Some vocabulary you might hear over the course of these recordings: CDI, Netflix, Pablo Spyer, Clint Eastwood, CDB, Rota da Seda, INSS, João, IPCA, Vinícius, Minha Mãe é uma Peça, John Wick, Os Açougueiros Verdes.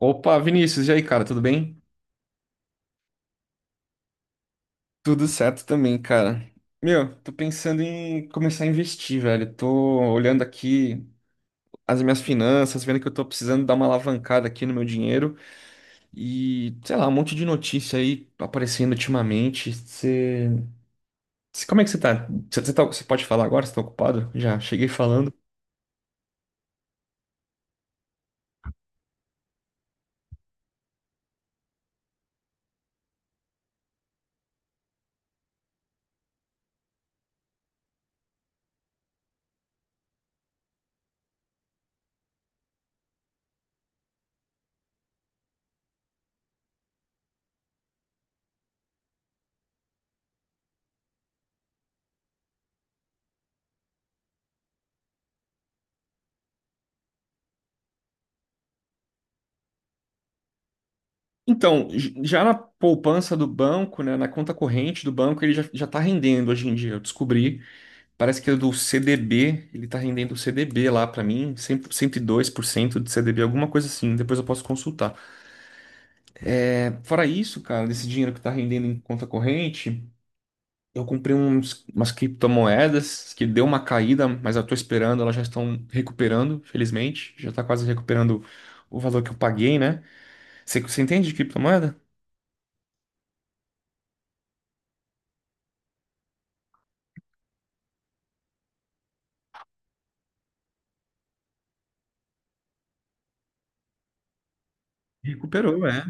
Opa, Vinícius, e aí, cara, tudo bem? Tudo certo também, cara. Meu, tô pensando em começar a investir, velho. Tô olhando aqui as minhas finanças, vendo que eu tô precisando dar uma alavancada aqui no meu dinheiro e, sei lá, um monte de notícia aí aparecendo ultimamente. Você, como é que você tá? Você pode falar agora? Você tá ocupado? Já cheguei falando. Então, já na poupança do banco, né, na conta corrente do banco, ele já tá rendendo hoje em dia. Eu descobri. Parece que é do CDB, ele tá rendendo CDB lá pra mim, 100, 102% de CDB, alguma coisa assim, depois eu posso consultar. É, fora isso, cara, desse dinheiro que tá rendendo em conta corrente, eu comprei umas criptomoedas que deu uma caída, mas eu tô esperando, elas já estão recuperando, felizmente, já tá quase recuperando o valor que eu paguei, né? Você entende de criptomoeda? Recuperou, é.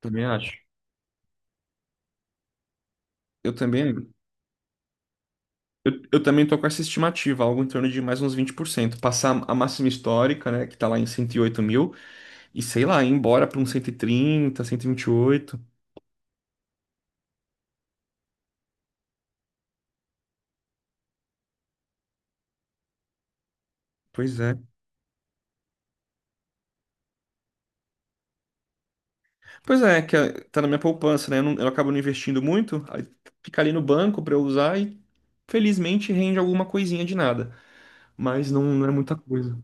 Também acho. Eu também. Eu também tô com essa estimativa, algo em torno de mais uns 20%. Passar a máxima histórica, né, que está lá em 108 mil, e sei lá, ir embora para uns 130, 128, Pois é. Pois é, que tá na minha poupança, né? Eu acabo não investindo muito, aí fica ali no banco para eu usar e felizmente rende alguma coisinha de nada, mas não, não é muita coisa.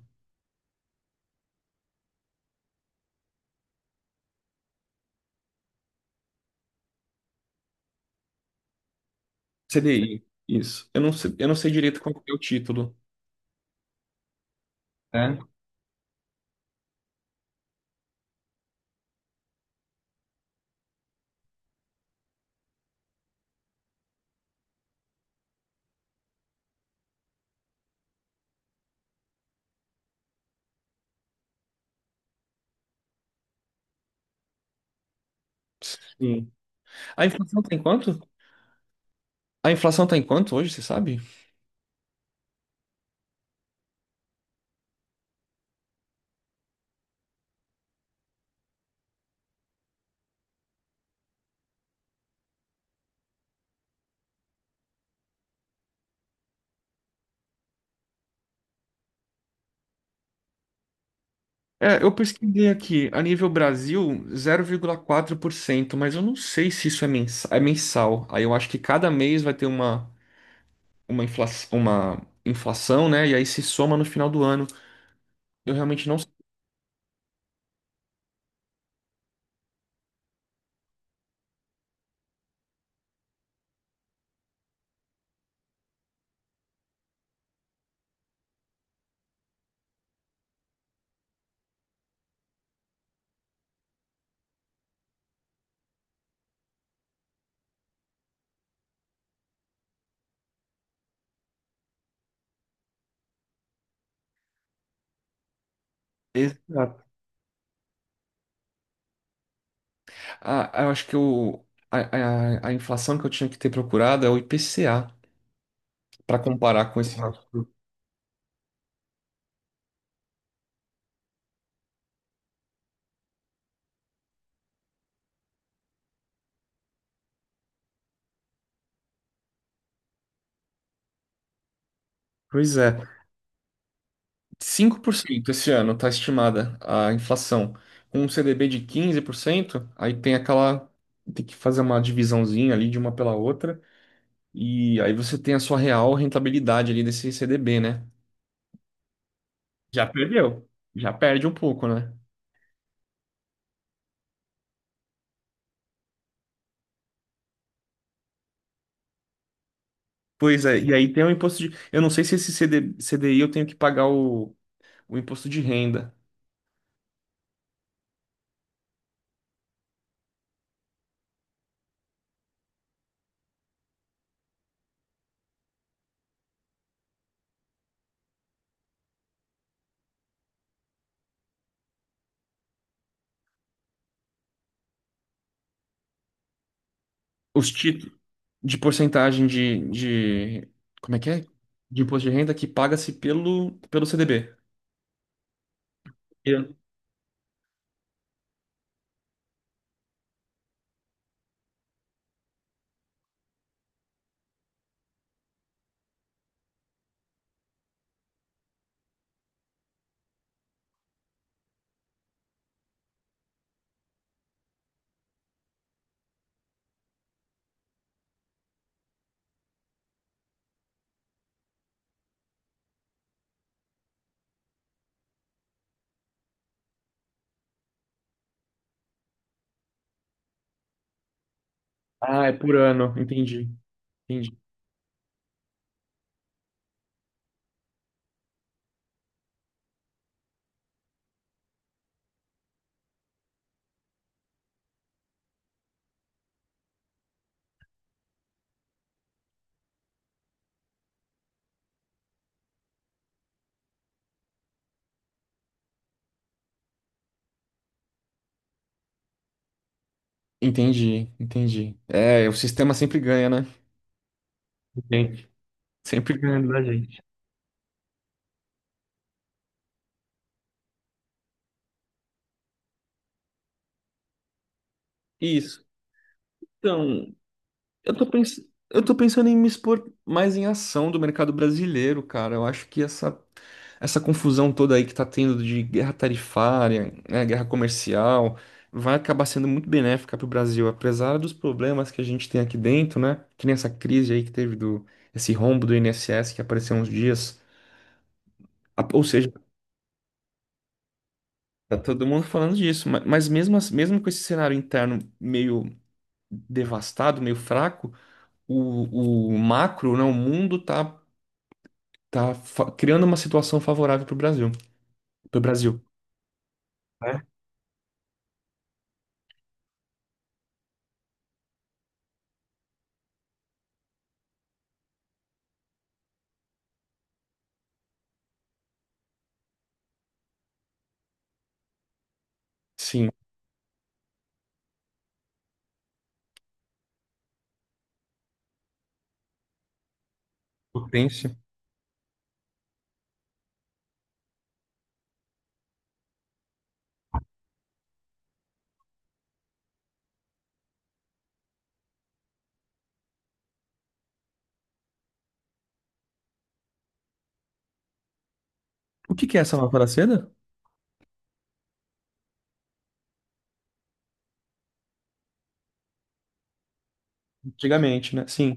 CDI, isso. Eu não sei direito qual que é o título. É. Sim. A inflação tá em quanto? A inflação tá em quanto hoje, você sabe? É, eu pesquisei aqui, a nível Brasil, 0,4%, mas eu não sei se isso é mensal, é mensal. Aí eu acho que cada mês vai ter uma inflação, né? E aí se soma no final do ano. Eu realmente não sei. Exato. Ah, eu acho que a inflação que eu tinha que ter procurado é o IPCA, para comparar com esse. Pois é. 5% esse ano está estimada a inflação. Com um CDB de 15% aí tem aquela. Tem que fazer uma divisãozinha ali de uma pela outra. E aí você tem a sua real rentabilidade ali desse CDB, né? Já perdeu. Já perde um pouco, né? Pois é. E aí tem o imposto de. Eu não sei se esse CDI eu tenho que pagar o imposto de renda. Os títulos de porcentagem de. Como é que é? De imposto de renda que paga-se pelo CDB. Ah, é por ano. Entendi. Entendi. Entendi, entendi. É, o sistema sempre ganha, né? Entendi. Sempre ganha da gente. Isso. Então, eu tô pens... eu tô pensando em me expor mais em ação do mercado brasileiro, cara. Eu acho que essa confusão toda aí que tá tendo de guerra tarifária, né, guerra comercial, vai acabar sendo muito benéfica pro Brasil, apesar dos problemas que a gente tem aqui dentro, né? Que nem essa crise aí que teve do esse rombo do INSS que apareceu uns dias. Ou seja, tá todo mundo falando disso, mas mesmo, mesmo com esse cenário interno meio devastado, meio fraco, o macro, né, o mundo tá criando uma situação favorável para o Brasil, né? Sim, potência. O que que é essa mafra da seda? Antigamente, né? Sim.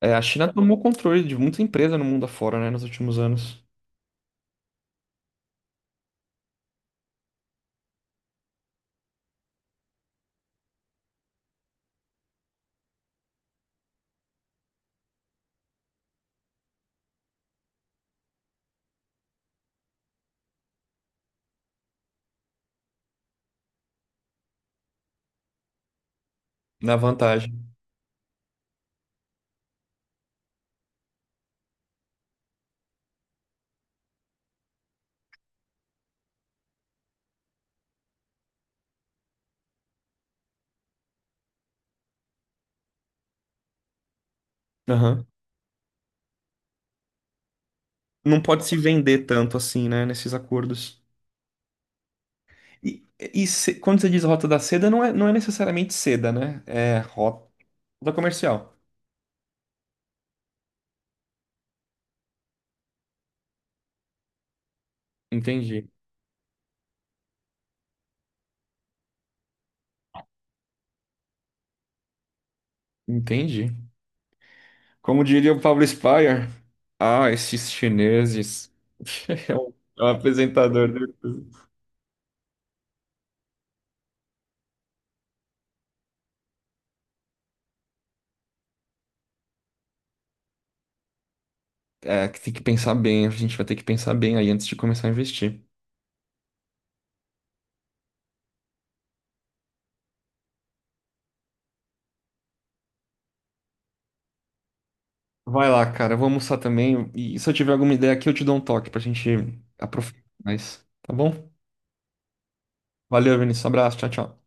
É, a China tomou controle de muita empresa no mundo afora, né, nos últimos anos, na vantagem. Aham. Não pode se vender tanto assim, né, nesses acordos. Quando você diz Rota da Seda, não é necessariamente seda, né? É rota comercial. Entendi. Entendi. Como diria o Pablo Spyer, ah, esses chineses. É o apresentador do... É, que tem que pensar bem, a gente vai ter que pensar bem aí antes de começar a investir. Vai lá, cara, eu vou almoçar também. E se eu tiver alguma ideia aqui, eu te dou um toque pra gente aprofundar mais, tá bom? Valeu, Vinícius. Abraço, tchau, tchau.